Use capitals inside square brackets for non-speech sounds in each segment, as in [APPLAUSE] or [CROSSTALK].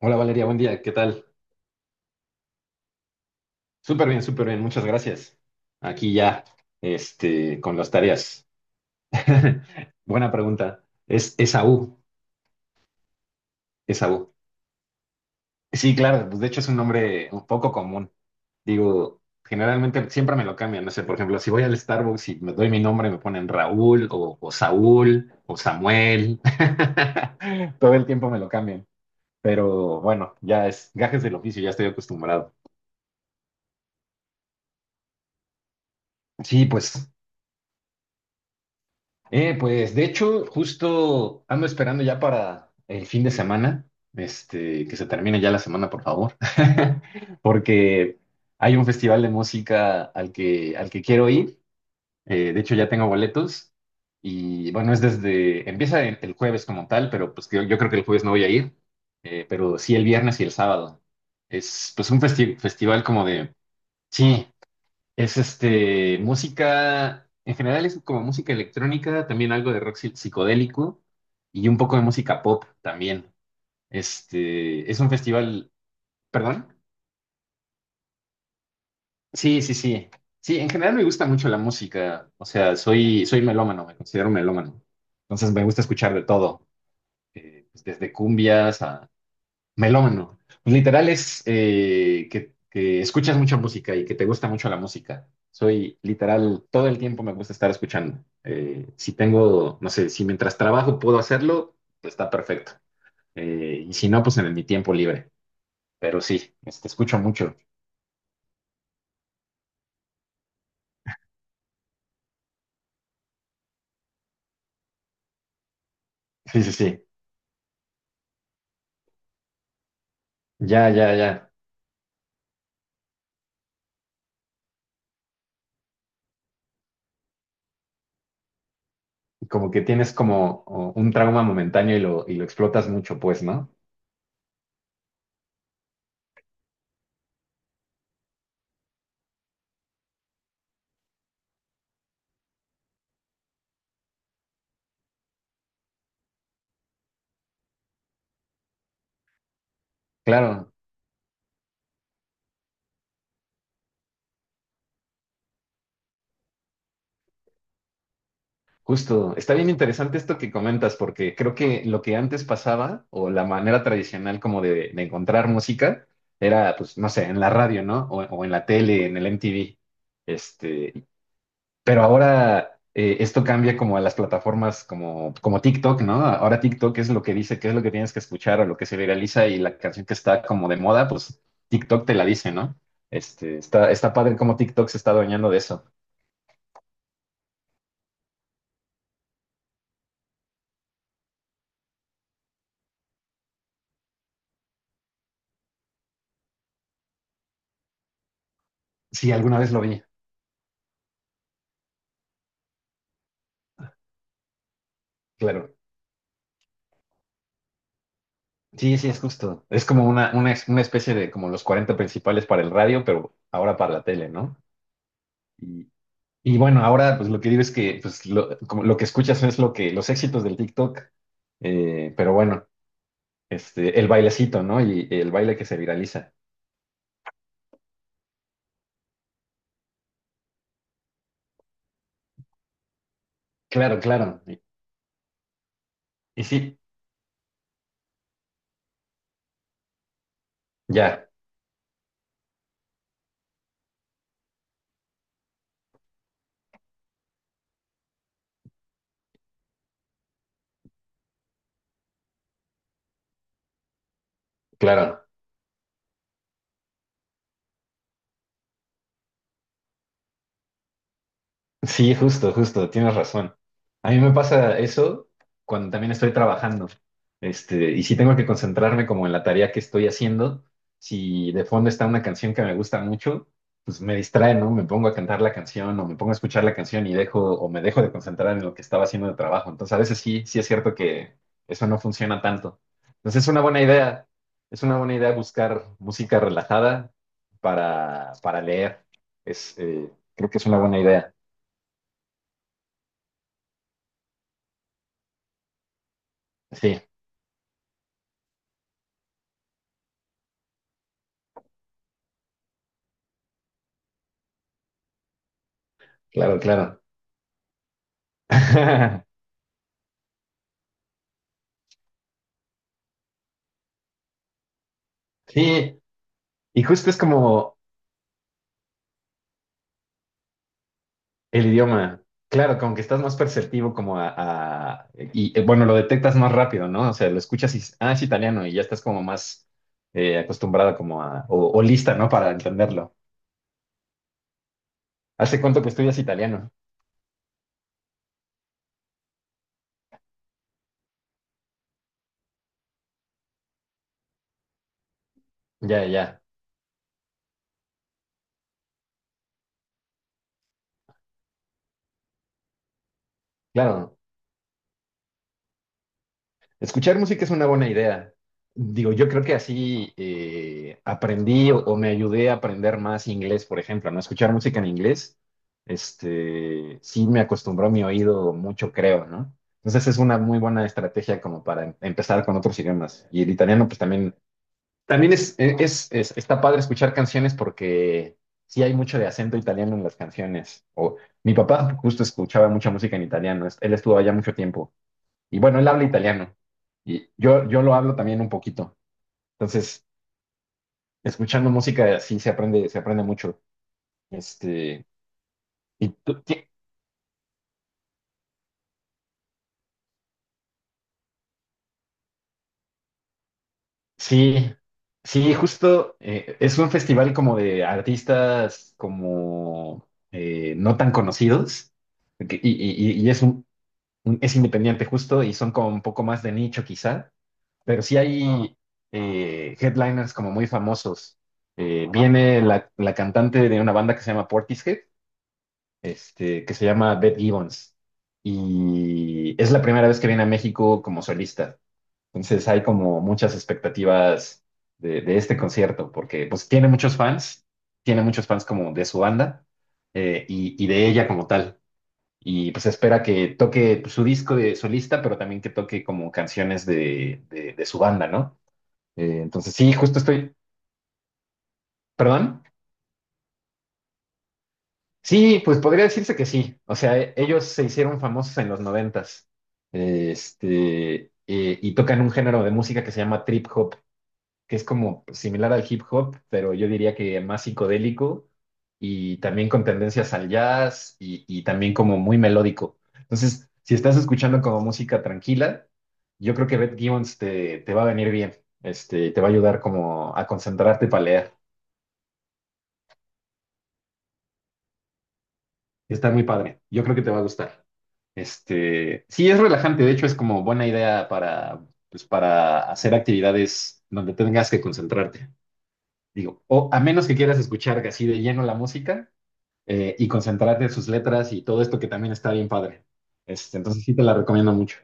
Hola Valeria, buen día, ¿qué tal? Súper bien, muchas gracias. Aquí ya, con las tareas. [LAUGHS] Buena pregunta. Es Esaú, Esaú. Sí, claro, pues de hecho es un nombre un poco común. Digo, generalmente siempre me lo cambian, no sé, por ejemplo, si voy al Starbucks y me doy mi nombre, me ponen Raúl o Saúl o Samuel. [LAUGHS] Todo el tiempo me lo cambian, pero bueno, ya es gajes del oficio, ya estoy acostumbrado. Sí, pues. Pues de hecho, justo ando esperando ya para el fin de semana, que se termine ya la semana, por favor, [LAUGHS] porque hay un festival de música al que quiero ir. De hecho, ya tengo boletos y bueno, es desde, empieza el jueves como tal, pero pues yo creo que el jueves no voy a ir, pero sí el viernes y el sábado. Es pues un festival como de, sí. Es música, en general es como música electrónica, también algo de rock psicodélico y un poco de música pop también. Este, es un festival, ¿perdón? Sí, sí, sí. Sí, en general me gusta mucho la música, o sea, soy melómano, me considero melómano. Entonces me gusta escuchar de todo, pues, desde cumbias. Melómano. Pues literal es que escuchas mucha música y que te gusta mucho la música. Soy literal, todo el tiempo me gusta estar escuchando. Si tengo, no sé, si mientras trabajo puedo hacerlo, pues está perfecto. Y si no, pues en mi tiempo libre. Pero sí, escucho mucho. Sí, sí, sí. Ya, ya, ya. Como que tienes como un trauma momentáneo y lo explotas mucho, pues, ¿no? Claro. Justo, está bien interesante esto que comentas, porque creo que lo que antes pasaba, o la manera tradicional como de encontrar música, era, pues, no sé, en la radio, ¿no? O en la tele, en el MTV. Este, pero ahora esto cambia como a las plataformas como TikTok, ¿no? Ahora TikTok es lo que dice, qué es lo que tienes que escuchar o lo que se viraliza y la canción que está como de moda, pues TikTok te la dice, ¿no? Este, está padre cómo TikTok se está adueñando de eso. Sí, alguna vez lo vi, claro. Sí, sí, es justo. Es como una especie de como los 40 principales para el radio, pero ahora para la tele, ¿no? Y, y bueno, ahora pues lo que digo es que pues, como lo que escuchas es lo que, los éxitos del TikTok, pero bueno, el bailecito, ¿no? Y el baile que se viraliza. Claro, claro. Y sí, ya, claro. Sí, justo, justo, tienes razón. A mí me pasa eso cuando también estoy trabajando. Este, y si tengo que concentrarme como en la tarea que estoy haciendo, si de fondo está una canción que me gusta mucho, pues me distrae, ¿no? Me pongo a cantar la canción o me pongo a escuchar la canción y dejo o me dejo de concentrar en lo que estaba haciendo de trabajo. Entonces, a veces sí, sí es cierto que eso no funciona tanto. Entonces, es una buena idea. Es una buena idea buscar música relajada para leer. Es, creo que es una buena idea. Sí, claro, claro. [LAUGHS] Sí, y justo es como el idioma. Claro, como que estás más perceptivo como a- y bueno, lo detectas más rápido, ¿no? O sea, lo escuchas y dices, ah, es italiano y ya estás como más acostumbrada como o lista, ¿no? Para entenderlo. ¿Hace cuánto que estudias italiano? Ya, ya, claro. Escuchar música es una buena idea. Digo, yo creo que así aprendí o me ayudé a aprender más inglés, por ejemplo, ¿no? Escuchar música en inglés, sí me acostumbró mi oído mucho, creo, ¿no? Entonces es una muy buena estrategia como para empezar con otros idiomas. Y el italiano, pues también, también es, e, es, es- está padre escuchar canciones porque sí hay mucho de acento italiano en las canciones. O, mi papá justo escuchaba mucha música en italiano, él estuvo allá mucho tiempo. Y bueno, él habla italiano y yo lo hablo también un poquito. Entonces, escuchando música así se aprende mucho. Este, y sí, sí, justo es un festival como de artistas como no tan conocidos y es es independiente justo y son como un poco más de nicho quizá, pero sí hay headliners como muy famosos. Viene la cantante de una banda que se llama Portishead, que se llama Beth Gibbons. Y es la primera vez que viene a México como solista. Entonces hay como muchas expectativas de este concierto, porque pues tiene muchos fans como de su banda y de ella como tal. Y pues espera que toque pues, su disco de solista, pero también que toque como canciones de su banda, ¿no? Entonces sí, justo estoy, perdón. Sí, pues podría decirse que sí. O sea, ellos se hicieron famosos en los noventas. Este, y tocan un género de música que se llama trip hop, que es como similar al hip hop, pero yo diría que más psicodélico y también con tendencias al jazz y también como muy melódico. Entonces, si estás escuchando como música tranquila, yo creo que Beth Gibbons te va a venir bien. Este, te va a ayudar como a concentrarte para leer. Está muy padre. Yo creo que te va a gustar. Este, sí, es relajante, de hecho es como buena idea para, pues, para hacer actividades donde tengas que concentrarte. Digo, o a menos que quieras escuchar así de lleno la música y concentrarte en sus letras y todo esto que también está bien padre. Este, entonces sí te la recomiendo mucho.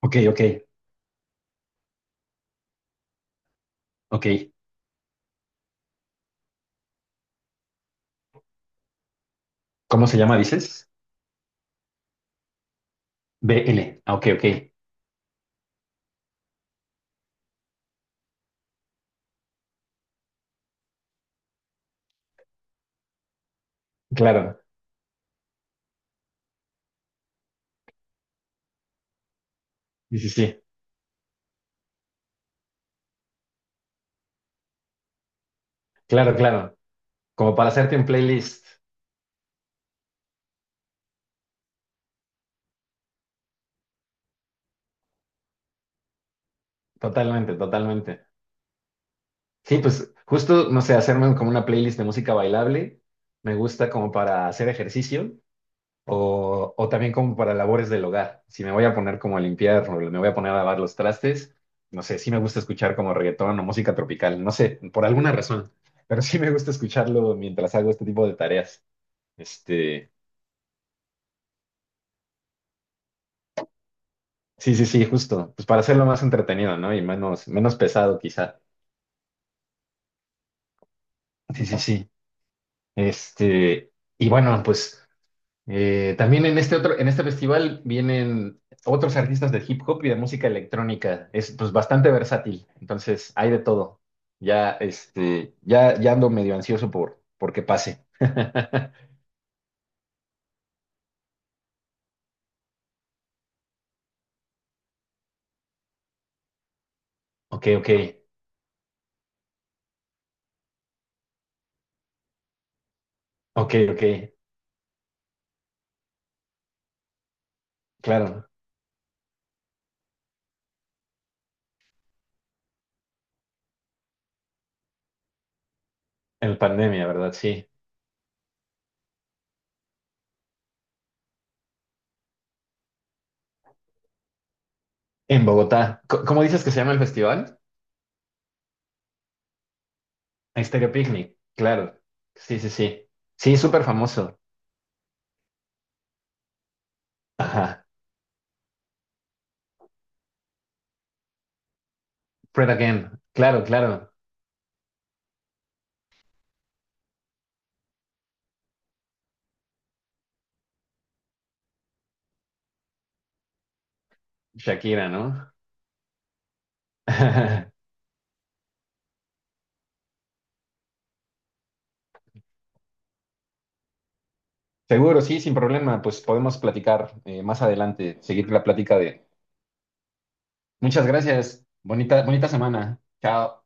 Ok, ok, ok. ¿Cómo se llama, dices? B L. Ah, ok, ok. Claro. Sí, sí, sí. Claro, claro. Como para hacerte un playlist. Totalmente, totalmente. Sí, pues justo, no sé, hacerme como una playlist de música bailable, me gusta como para hacer ejercicio o también como para labores del hogar. Si me voy a poner como a limpiar o me voy a poner a lavar los trastes, no sé, sí me gusta escuchar como reggaetón o música tropical, no sé, por alguna razón, pero sí me gusta escucharlo mientras hago este tipo de tareas. Este, sí, sí, sí, justo, pues para hacerlo más entretenido, ¿no? Y menos, menos pesado quizá. Sí, sí, sí. Este, y bueno, pues... también en en este festival vienen otros artistas de hip hop y de música electrónica. Es pues bastante versátil, entonces hay de todo. Ya, este, ya, ya ando medio ansioso por que pase. [LAUGHS] Ok, ok, ok, ok. Claro, en pandemia, ¿verdad? Sí. En Bogotá. ¿Cómo dices que se llama el festival? Estéreo Picnic, claro. Sí, sí, sí. Sí, súper famoso. Ajá. Fred Again. Claro, claro. Shakira, ¿no? [LAUGHS] Seguro, sí, sin problema. Pues podemos platicar más adelante, seguir la plática de... Muchas gracias. Bonita, bonita semana. Chao.